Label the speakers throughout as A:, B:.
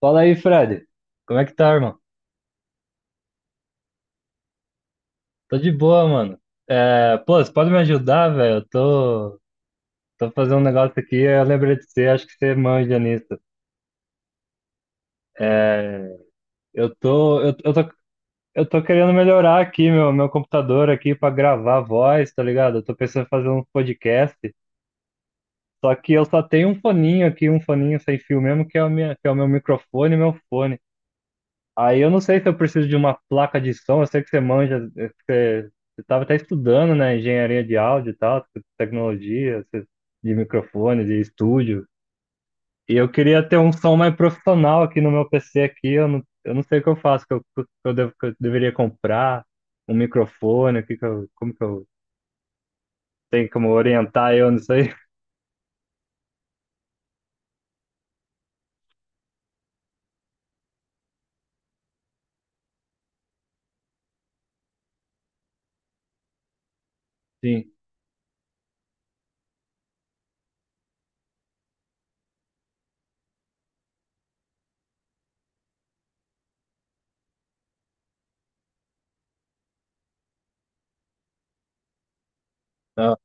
A: Fala aí, Fred. Como é que tá, irmão? Tô de boa, mano. É, pô, você pode me ajudar, velho? Eu tô fazendo um negócio aqui, eu lembrei de você, acho que você manja nisso. É, eu tô, eu, eu tô, eu tô querendo melhorar aqui meu computador aqui pra gravar voz, tá ligado? Eu tô pensando em fazer um podcast, só que eu só tenho um foninho aqui, um foninho sem fio mesmo, que é o minha, que é o meu microfone e meu fone. Aí eu não sei se eu preciso de uma placa de som, eu sei que você manja, você estava até estudando, né, engenharia de áudio e tal, tecnologia, você de microfone, de estúdio. E eu queria ter um som mais profissional aqui no meu PC aqui, eu não sei o que eu faço, que eu deveria comprar um microfone. O que que eu, Como que eu tenho como orientar eu não sei. Sim. Ah,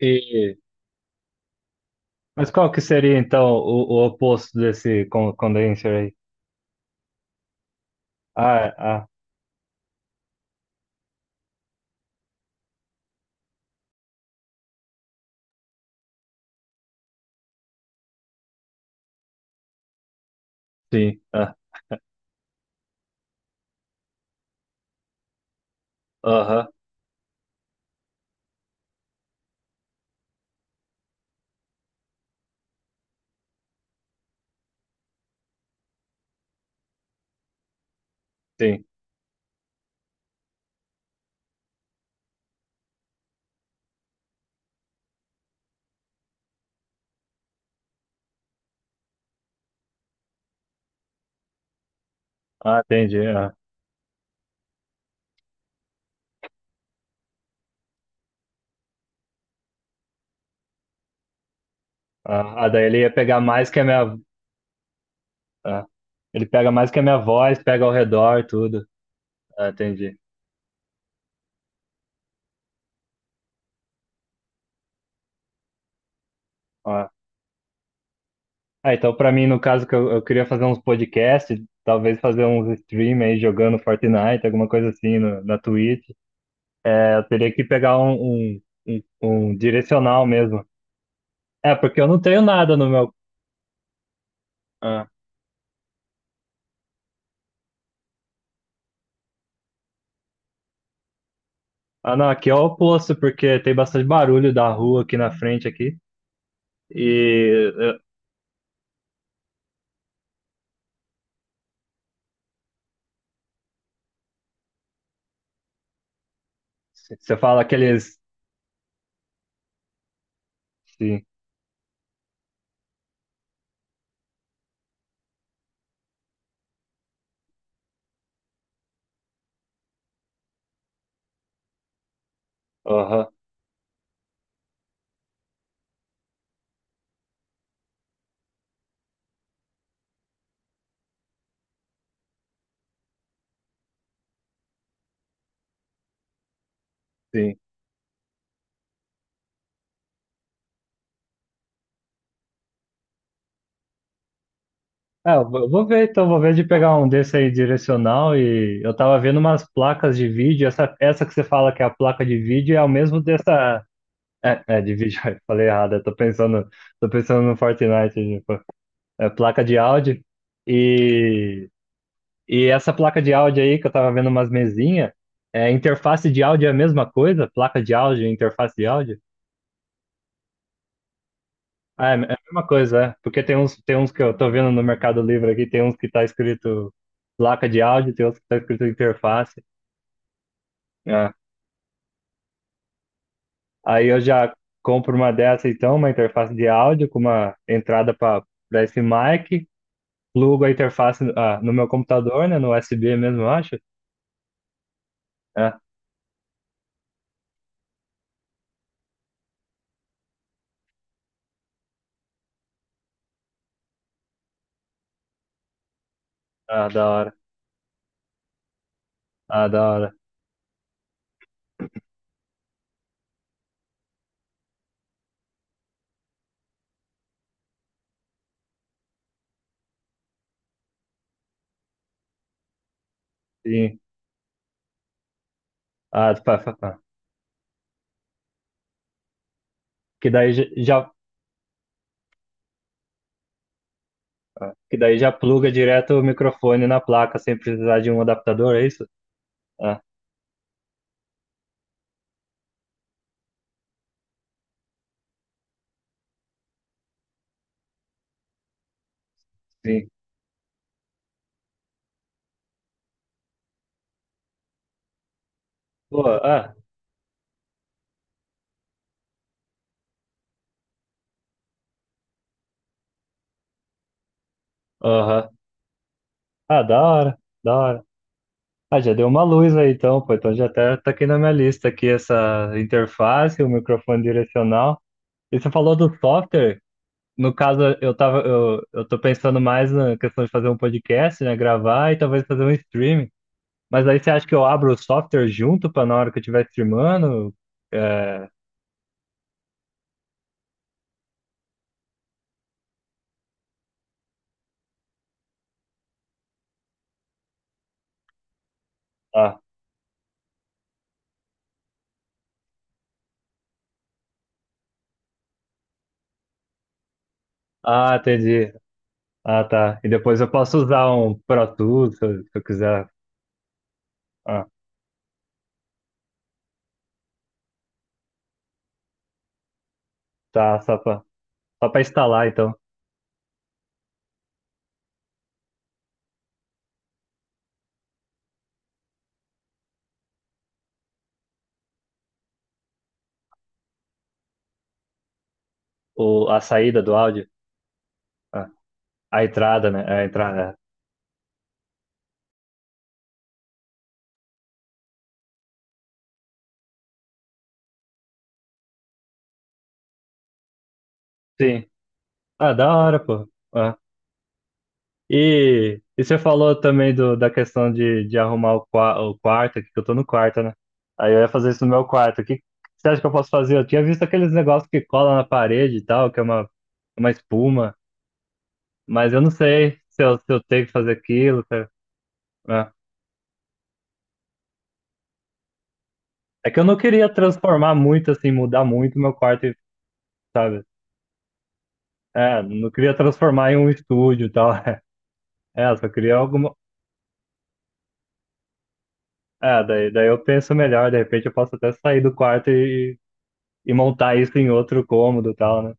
A: e mas qual que seria então o oposto desse condenser aí? Ah, é, ah, sim. Ah, aham. Sim. Ah, entendi. Ah, daí ele ia pegar mais que a minha. Ah, ele pega mais que a minha voz, pega ao redor, tudo. Ah, entendi. Ah, ah, então pra mim, no caso, que eu queria fazer uns podcasts, talvez fazer uns stream aí jogando Fortnite, alguma coisa assim na Twitch. É, eu teria que pegar um direcional mesmo. É, porque eu não tenho nada no meu. Ah, ah, não, aqui é o oposto, porque tem bastante barulho da rua aqui na frente aqui. E você fala aqueles. Sim. Aham, sim. Ah, eu vou ver então, vou ver de pegar um desse aí direcional. E eu tava vendo umas placas de vídeo, essa que você fala que é a placa de vídeo é o mesmo dessa. É, é de vídeo, eu falei errado, tô pensando no Fortnite, tipo, é placa de áudio. E, e essa placa de áudio aí que eu tava vendo umas mesinhas, é interface de áudio é a mesma coisa? Placa de áudio, interface de áudio? Ah, é é a mesma coisa, é. Porque tem uns que eu tô vendo no Mercado Livre aqui, tem uns que tá escrito placa de áudio, tem uns que tá escrito interface. É. Aí eu já compro uma dessa então, uma interface de áudio com uma entrada para esse mic, plugo a interface ah, no meu computador, né, no USB mesmo, eu acho. É. Ah, da hora. Ah, da hora. Sim. Ah, pá, pá, pá. Que daí já, já- Ah, que daí já pluga direto o microfone na placa sem precisar de um adaptador, é isso? Ah, sim. Pô, ah, aham. Ah, da hora, da hora. Ah, já deu uma luz aí então, pô. Então já até tá aqui na minha lista aqui essa interface, o microfone direcional. E você falou do software. No caso, eu tô pensando mais na questão de fazer um podcast, né? Gravar e talvez fazer um streaming. Mas aí você acha que eu abro o software junto pra na hora que eu estiver streamando? É. Ah, ah, entendi. Ah, tá. E depois eu posso usar um Pro Tools se eu quiser. Ah, tá, só pra instalar então. O, a saída do áudio. Ah, a entrada, né? É, a entrada. Sim. Ah, da hora, pô. Ah. E você falou também do, da questão de arrumar o, o quarto aqui, que eu tô no quarto, né? Aí eu ia fazer isso no meu quarto. Que você acha que eu posso fazer? Eu tinha visto aqueles negócios que cola na parede e tal, que é uma espuma, mas eu não sei se eu tenho que fazer aquilo. Se né? É que eu não queria transformar muito, assim, mudar muito meu quarto, sabe? É, não queria transformar em um estúdio e tal. É, eu só queria alguma. É, daí, daí eu penso melhor, de repente eu posso até sair do quarto e montar isso em outro cômodo e tal, né?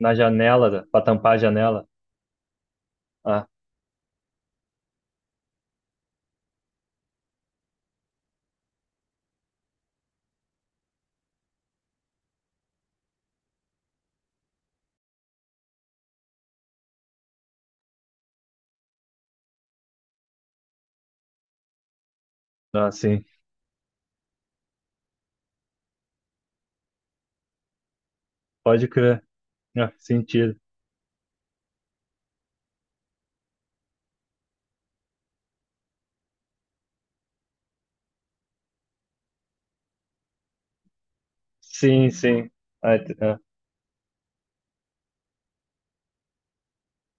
A: Na janela, pra tampar a janela. Ah, ah, sim. Pode crer. Ah, sentido. Sim, sim. Ah, t- ah,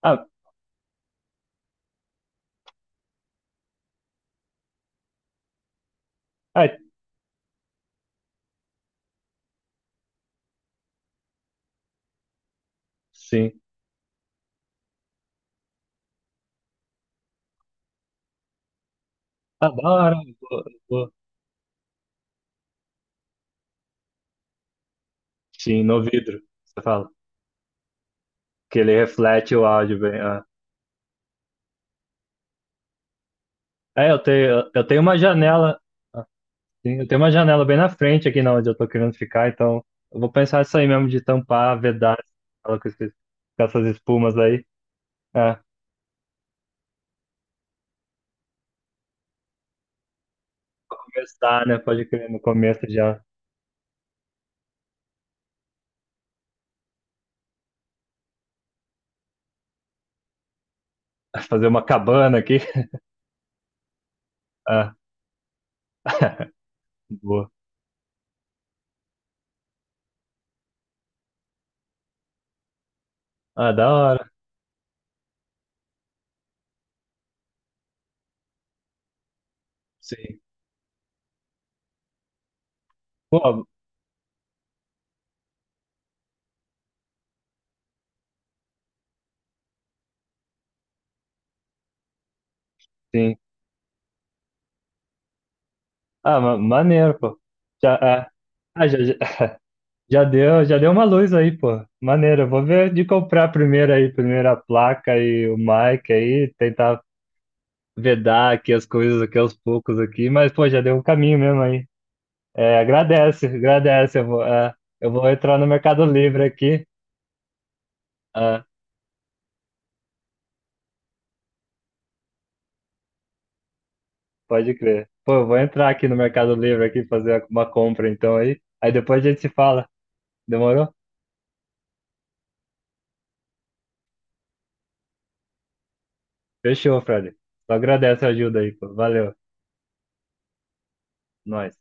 A: ah, ah, sim. Ah, da hora. Vou- vou- Sim, no vidro, você fala. Que ele reflete o áudio bem. Ah. Eu tenho uma janela. Ah. Sim, eu tenho uma janela bem na frente aqui na onde eu tô querendo ficar, então eu vou pensar isso aí mesmo de tampar, vedar ela com com essas espumas aí. É, pra começar, né? Pode crer, no começo já fazer uma cabana aqui. Ah, boa. Ah, da hora. Sim. Pô, sim. Ah, maneiro, pô. Já, é. Ah, já, já, já deu uma luz aí, pô. Maneiro. Eu vou ver de comprar primeiro aí, primeiro a placa e o mic aí, tentar vedar aqui as coisas aqui aos poucos aqui, mas pô, já deu um caminho mesmo aí. É, agradece, agradece. Eu vou, é, eu vou entrar no Mercado Livre aqui. Ah, pode crer. Pô, eu vou entrar aqui no Mercado Livre aqui fazer uma compra então aí. Aí depois a gente se fala. Demorou? Fechou, Fred. Só agradece a ajuda aí, pô. Valeu. Nós.